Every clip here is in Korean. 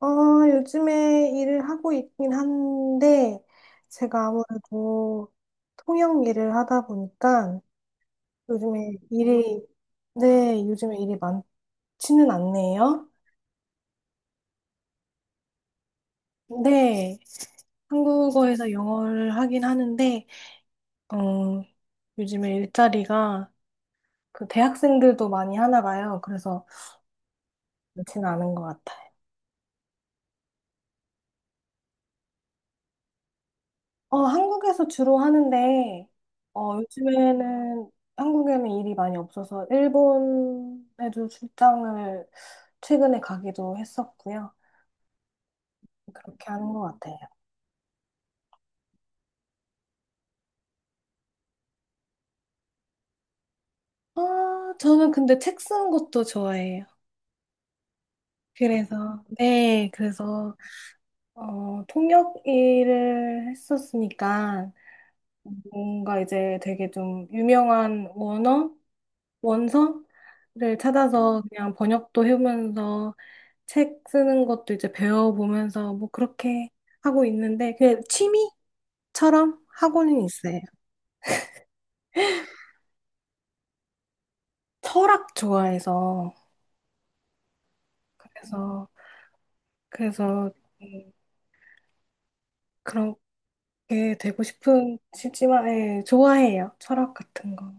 어, 요즘에 일을 하고 있긴 한데, 제가 아무래도 통역 일을 하다 보니까 요즘에 일이, 네, 요즘에 일이 많지는 않네요. 네, 한국어에서 영어를 하긴 하는데, 어, 요즘에 일자리가 그 대학생들도 많이 하나 봐요. 그래서 많지는 않은 것 같아요. 한국에서 주로 하는데, 요즘에는 한국에는 일이 많이 없어서 일본에도 출장을 최근에 가기도 했었고요. 그렇게 하는 것 같아요. 아, 저는 근데 책 쓰는 것도 좋아해요. 그래서, 네, 그래서, 통역 일을 했었으니까, 뭔가 이제 되게 좀 유명한 원어? 원서를 찾아서 그냥 번역도 해보면서 책 쓰는 것도 이제 배워보면서 뭐 그렇게 하고 있는데 그냥 취미처럼 하고는 있어요. 철학 좋아해서 그래서 그래서 음, 그렇게 되고 싶은 싶지만 예, 좋아해요. 철학 같은 거.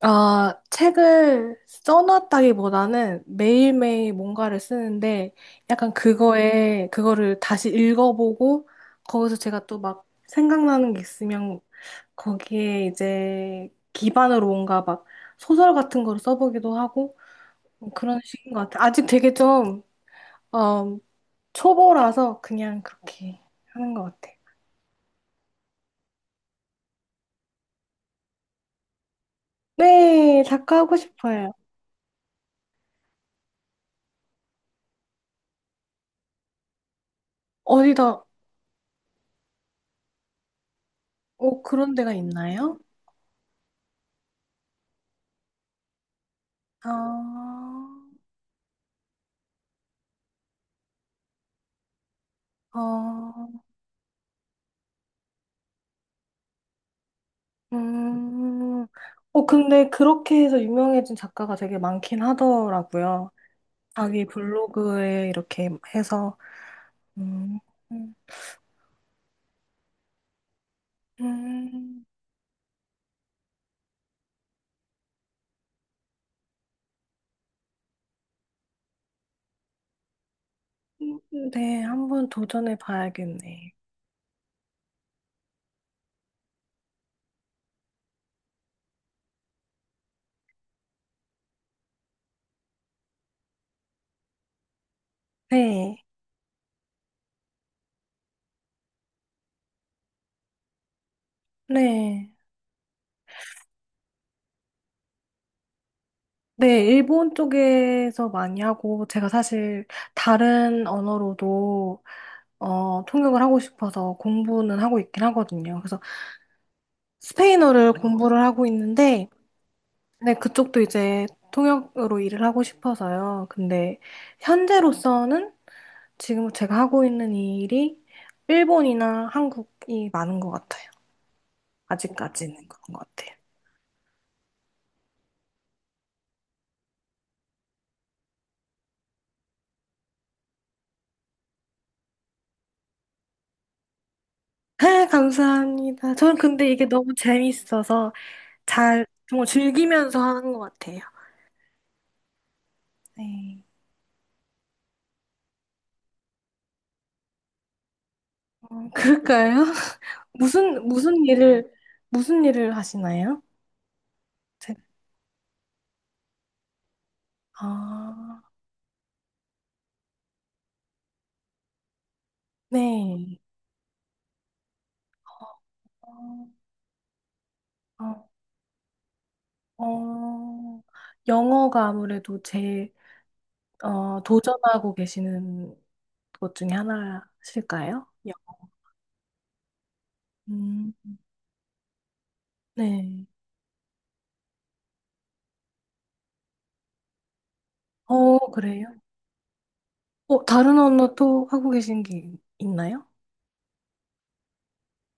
아, 책을 써놨다기보다는 매일매일 뭔가를 쓰는데 약간 그거를 다시 읽어보고 거기서 제가 또 막 생각나는 게 있으면 거기에 이제 기반으로 뭔가 막 소설 같은 거를 써보기도 하고 뭐 그런 식인 것 같아요. 아직 되게 좀, 어, 초보라서 그냥 그렇게 하는 것 같아요. 네, 작가하고 싶어요. 어디다, 그런 데가 있나요? 아, 어, 음, 근데 그렇게 해서 유명해진 작가가 되게 많긴 하더라고요. 자기 블로그에 이렇게 해서, 음, 음, 음, 네, 한번 도전해 봐야겠네. 네, 네. 네, 일본 쪽에서 많이 하고, 제가 사실 다른 언어로도, 통역을 하고 싶어서 공부는 하고 있긴 하거든요. 그래서 스페인어를 공부를 하고 있는데, 네, 그쪽도 이제 통역으로 일을 하고 싶어서요. 근데 현재로서는 지금 제가 하고 있는 일이 일본이나 한국이 많은 것 같아요. 아직까지는 그런 것 같아요. 아, 감사합니다. 저는 근데 이게 너무 재밌어서 잘 정말 즐기면서 하는 것 같아요. 네. 그럴까요? 무슨 무슨 일을 무슨 일을 하시나요? 제- 아, 네. 어, 어. 어, 영어가 아무래도 제일 도전하고 계시는 것 중에 하나실까요? 영. 음, 네. 그래요? 다른 언어 또 하고 계신 게 있나요?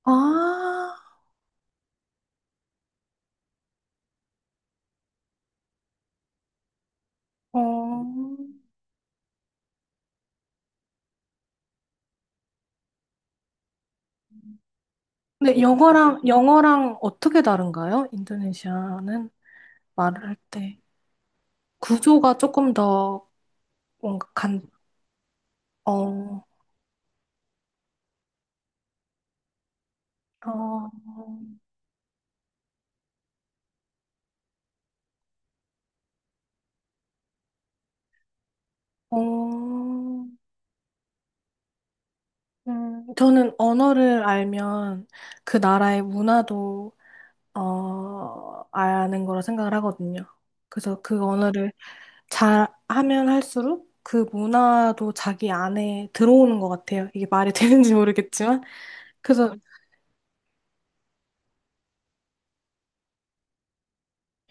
아, 어. 근데 영어랑 어떻게 다른가요? 인도네시아는 말을 할 때. 구조가 조금 더 뭔가 간, 어, 어, 어. 저는 언어를 알면 그 나라의 문화도 아는 거라 생각을 하거든요. 그래서 그 언어를 잘 하면 할수록 그 문화도 자기 안에 들어오는 것 같아요. 이게 말이 되는지 모르겠지만. 그래서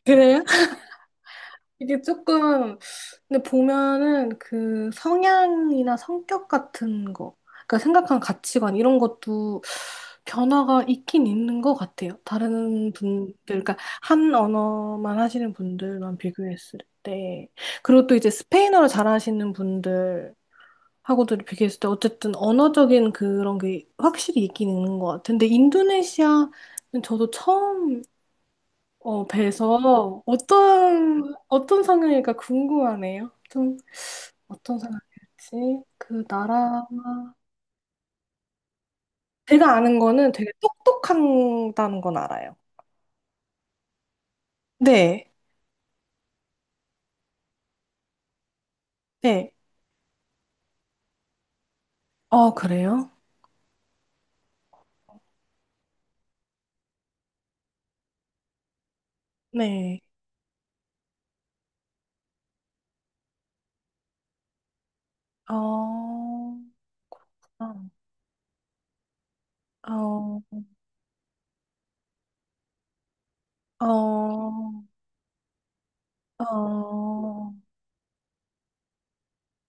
그래요? 이게 조금 근데 보면은 그 성향이나 성격 같은 거, 그러니까 생각하는 가치관 이런 것도 변화가 있긴 있는 것 같아요. 다른 분들, 그러니까 한 언어만 하시는 분들만 비교했을 때, 그리고 또 이제 스페인어를 잘하시는 분들 하고도 비교했을 때 어쨌든 언어적인 그런 게 확실히 있긴 있는 것 같아요. 근데 인도네시아는 저도 처음 뵈서 어떤 성향일까 궁금하네요. 좀 어떤 사람이었지? 그 나라 제가 아는 거는 되게 똑똑한다는 건 알아요. 네, 네. 그래요? 네. 어, 어, 어, 어, 어,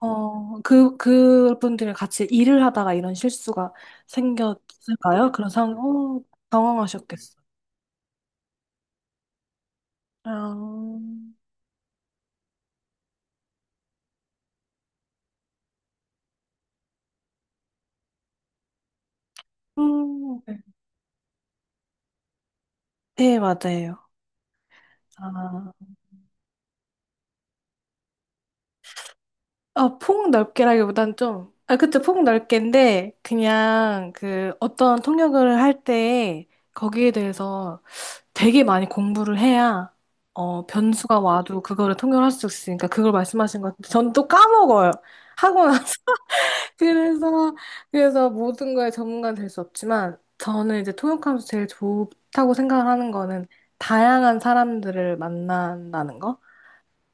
그분들이 같이 일을 하다가 이런 실수가 생겼을까요? 그런 상황, 어, 당황하셨겠어요. 아, 네, 네, 맞아요. 아. 폭 넓게라기보단 좀, 아, 그쵸, 폭 넓게인데, 그냥 그 어떤 통역을 할 때 거기에 대해서 되게 많이 공부를 해야, 변수가 와도 그거를 통역을 할 수 있으니까 그걸 말씀하신 것 같은데, 전 또 까먹어요. 하고 나서. 그래서 모든 거에 전문가는 될 수 없지만, 저는 이제 통역하면서 제일 좋다고 생각을 하는 거는 다양한 사람들을 만난다는 거?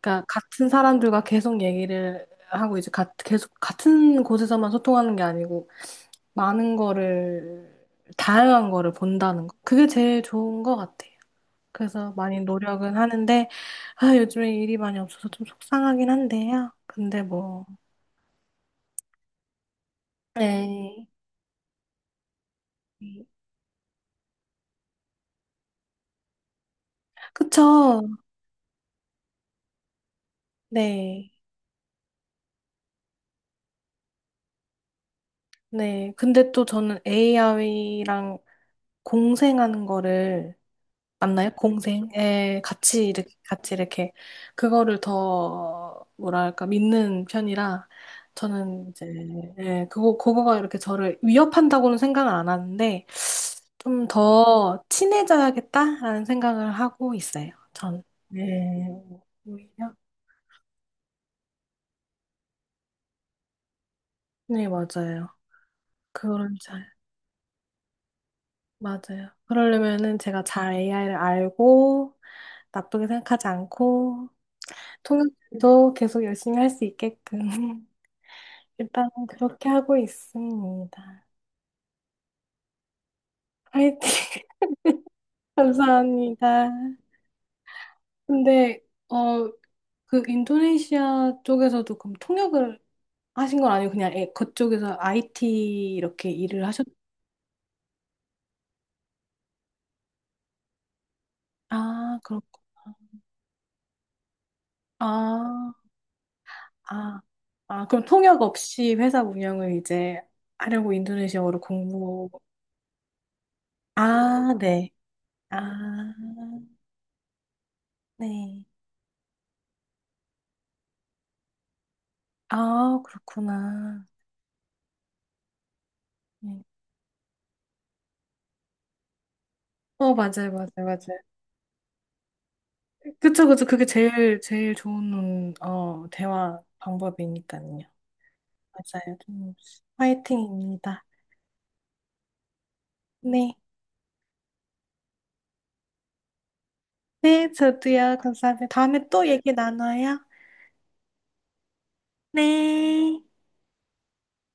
그러니까 같은 사람들과 계속 얘기를 하고 이제 계속 같은 곳에서만 소통하는 게 아니고 많은 거를 다양한 거를 본다는 거. 그게 제일 좋은 것 같아요. 그래서 많이 노력은 하는데 아, 요즘에 일이 많이 없어서 좀 속상하긴 한데요. 근데 뭐 네. 그쵸. 네. 네. 근데 또 저는 AI랑 공생하는 거를 맞나요? 공생? 예, 같이 이렇게, 그거를 더, 뭐랄까, 믿는 편이라, 저는 이제, 예, 그거가 이렇게 저를 위협한다고는 생각을 안 하는데, 좀 더 친해져야겠다라는 생각을 하고 있어요, 전. 네, 오히려? 네, 맞아요. 그거를 잘, 맞아요. 그러려면은 제가 잘 AI를 알고, 나쁘게 생각하지 않고, 통역도 계속 열심히 할 수 있게끔. 일단 그렇게 하고 있습니다. 화이팅! 감사합니다. 근데 어 그 인도네시아 쪽에서도 그럼 통역을 하신 건 아니고 그냥 그쪽에서 IT 이렇게 일을 하셨. 아, 그렇구나. 아, 아, 아, 그럼 통역 없이 회사 운영을 이제 하려고 인도네시아어를 공부. 아, 네. 아, 네. 아, 그렇구나. 네. 맞아요, 맞아요, 맞아요. 그쵸, 그쵸. 그게 제일 좋은, 대화 방법이니까요. 맞아요. 좀 화이팅입니다. 네. 네, 저도요. 감사합니다. 다음에 또 얘기 나눠요. 네.